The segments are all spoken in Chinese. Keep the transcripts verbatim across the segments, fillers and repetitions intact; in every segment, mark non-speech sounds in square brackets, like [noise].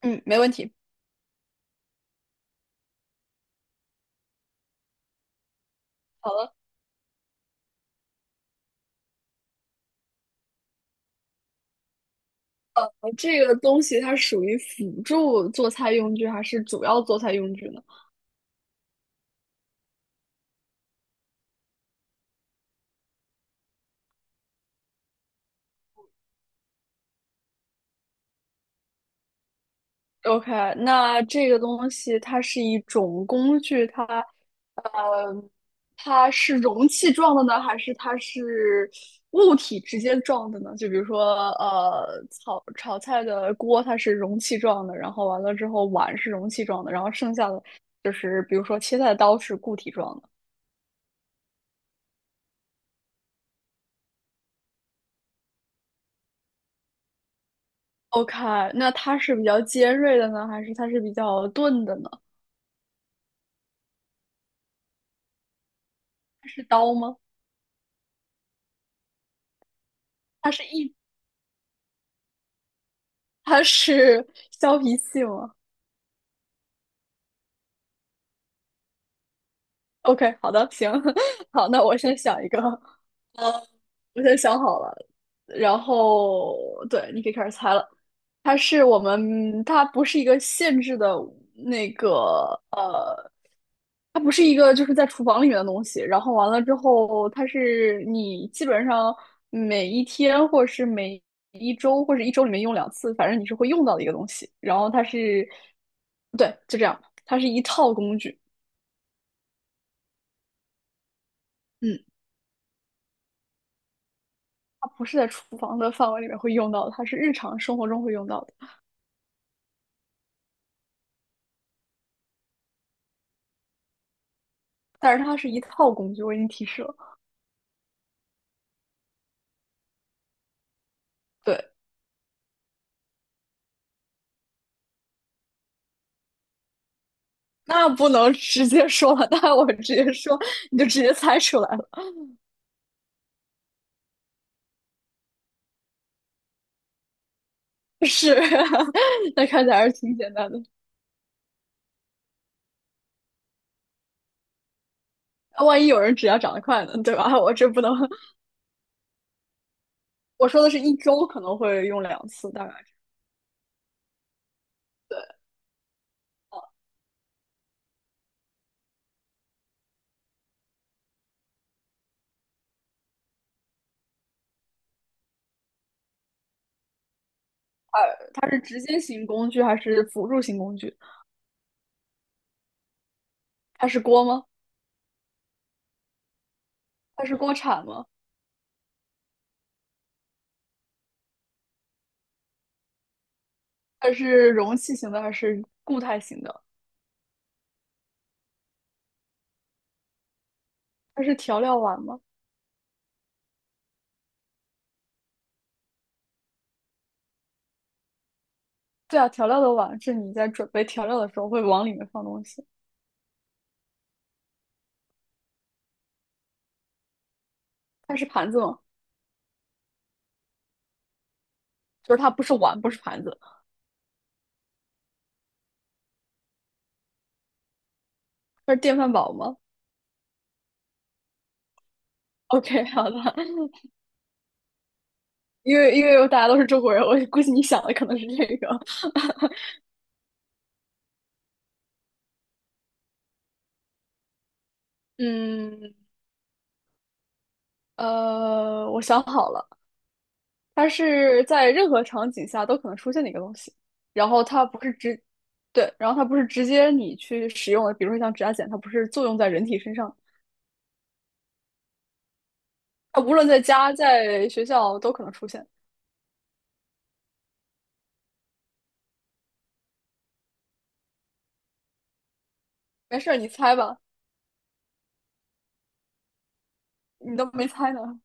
嗯，没问题。好了，呃，这个东西它属于辅助做菜用具还是主要做菜用具呢？OK，那这个东西它是一种工具，它，呃，它是容器状的呢，还是它是物体直接状的呢？就比如说，呃，炒炒菜的锅它是容器状的，然后完了之后碗是容器状的，然后剩下的就是比如说切菜的刀是固体状的。OK,那它是比较尖锐的呢，还是它是比较钝的呢？它是刀吗？它是一，它是 [laughs] 削皮器吗？OK,好的，行，[laughs] 好，那我先想一个。我先想好了，然后对，你可以开始猜了。它是我们，它不是一个限制的那个呃，它不是一个就是在厨房里面的东西。然后完了之后，它是你基本上每一天或者是每一周或者一周里面用两次，反正你是会用到的一个东西。然后它是，对，就这样，它是一套工具。嗯，它不是在厨房的范围里面会用到的，它是日常生活中会用到的。但是它是一套工具，我已经提示了。对，那不能直接说了，那我直接说，你就直接猜出来了。是，[laughs] 那看起来还是挺简单的。万一有人指甲长得快呢，对吧？[laughs] 我这不能，我说的是一周可能会用两次，大概对，它是直接型工具还是辅助型工具？它是锅吗？它是锅铲吗？它是容器型的还是固态型的？它是调料碗吗？对啊，调料的碗是你在准备调料的时候会往里面放东西。它是盘子吗？就是它不是碗，不是盘子，它是电饭煲吗？OK,[laughs] 好的，因为因为大家都是中国人，我估计你想的可能是这个。嗯，呃，我想好了，它是在任何场景下都可能出现的一个东西，然后它不是直，对，然后它不是直接你去使用的，比如说像指甲剪，它不是作用在人体身上，它无论在家在学校都可能出现。没事你猜吧，你都没猜呢，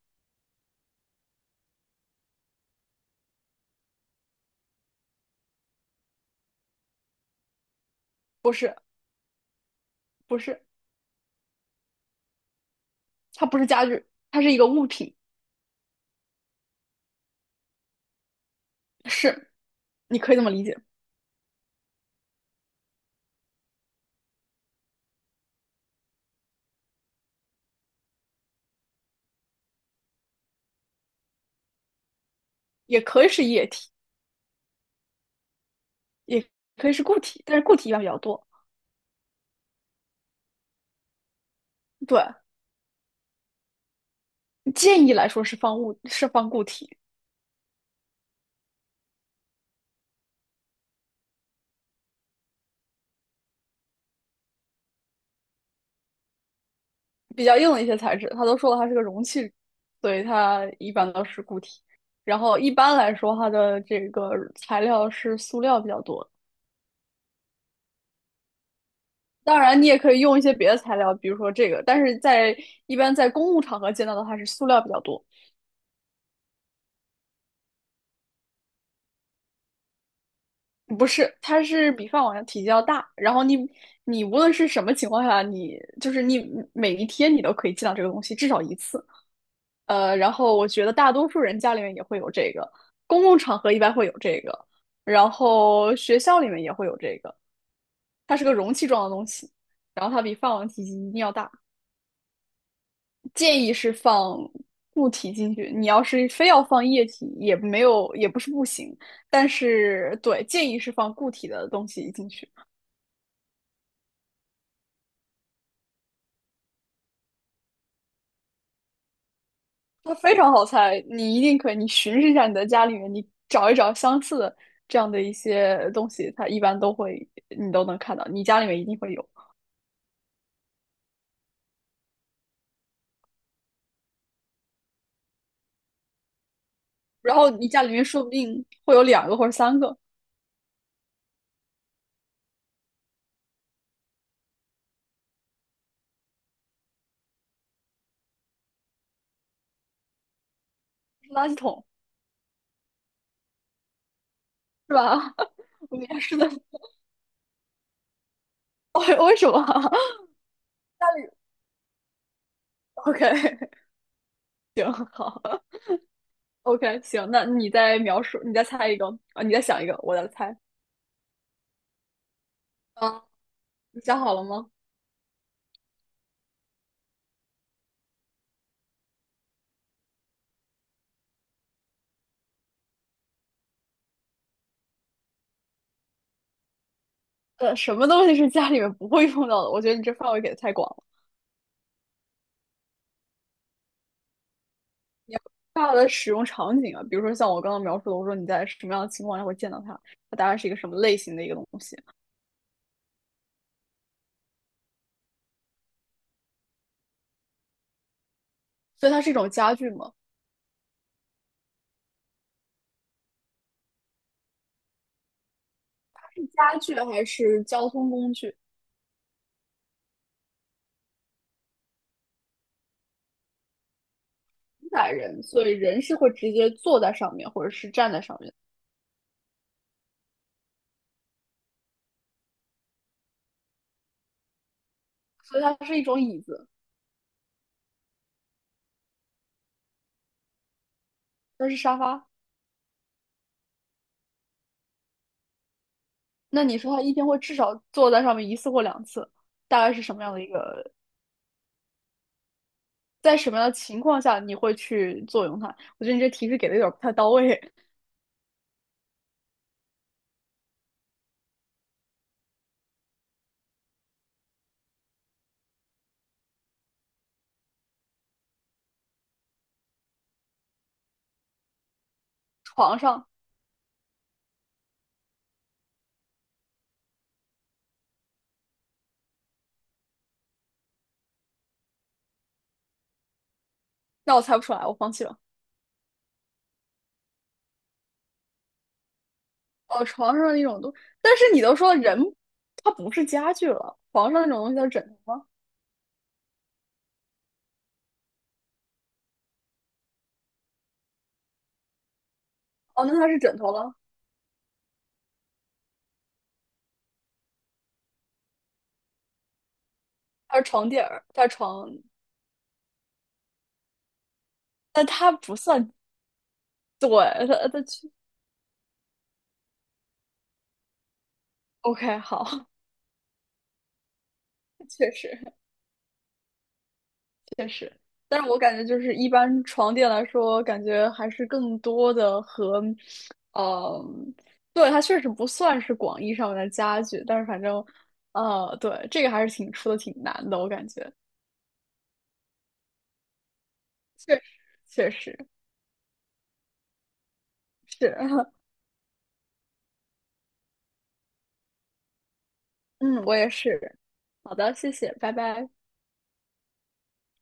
不是，不是，它不是家具，它是一个物品，是，你可以这么理解。也可以是液体，也可以是固体，但是固体一般比较多。对，建议来说是放物，是放固体，比较硬的一些材质，它都说了它是个容器，所以它一般都是固体。然后一般来说，它的这个材料是塑料比较多。当然，你也可以用一些别的材料，比如说这个，但是在一般在公共场合见到的话，它是塑料比较多。不是，它是比饭碗的体积要大，然后你你无论是什么情况下，你就是你每一天你都可以见到这个东西至少一次。呃，然后我觉得大多数人家里面也会有这个，公共场合一般会有这个，然后学校里面也会有这个。它是个容器状的东西，然后它比饭碗体积一定要大。建议是放固体进去，你要是非要放液体，也没有，也不是不行。但是对，建议是放固体的东西进去。它非常好猜，你一定可以，你巡视一下你的家里面，你找一找相似的这样的一些东西，它一般都会，你都能看到，你家里面一定会有。然后你家里面说不定会有两个或者三个垃圾桶，是吧？[laughs] 我们是的。哦，为什么？OK [laughs] 家里 OK,[laughs] OK,行，那你再描述，你再猜一个啊，你再想一个，我再猜。啊，你想好了吗？呃，什么东西是家里面不会用到的？我觉得你这范围给的太广大的使用场景啊，比如说像我刚刚描述的，我说你在什么样的情况下会见到它，它大概是一个什么类型的一个东西，所以它是一种家具嘛，家具还是交通工具，承载人，所以人是会直接坐在上面或者是站在上面，所以它是一种椅子，它是沙发。那你说它一天会至少坐在上面一次或两次，大概是什么样的一个，在什么样的情况下你会去作用它？我觉得你这提示给的有点不太到位，[laughs] 床上，那我猜不出来，我放弃了。哦，床上那种东，但是你都说人，它不是家具了，床上那种东西叫枕头吗？哦，那它是枕头了，它是床垫儿，它是床，但它不算，对，它它去，OK,好，[laughs] 确实确实，但是我感觉就是一般床垫来说，感觉还是更多的和，嗯，对，它确实不算是广义上面的家具，但是反正，呃，对，这个还是挺出的挺难的，我感觉，确实确实是。[laughs] 嗯，我也是。好的，谢谢，拜拜。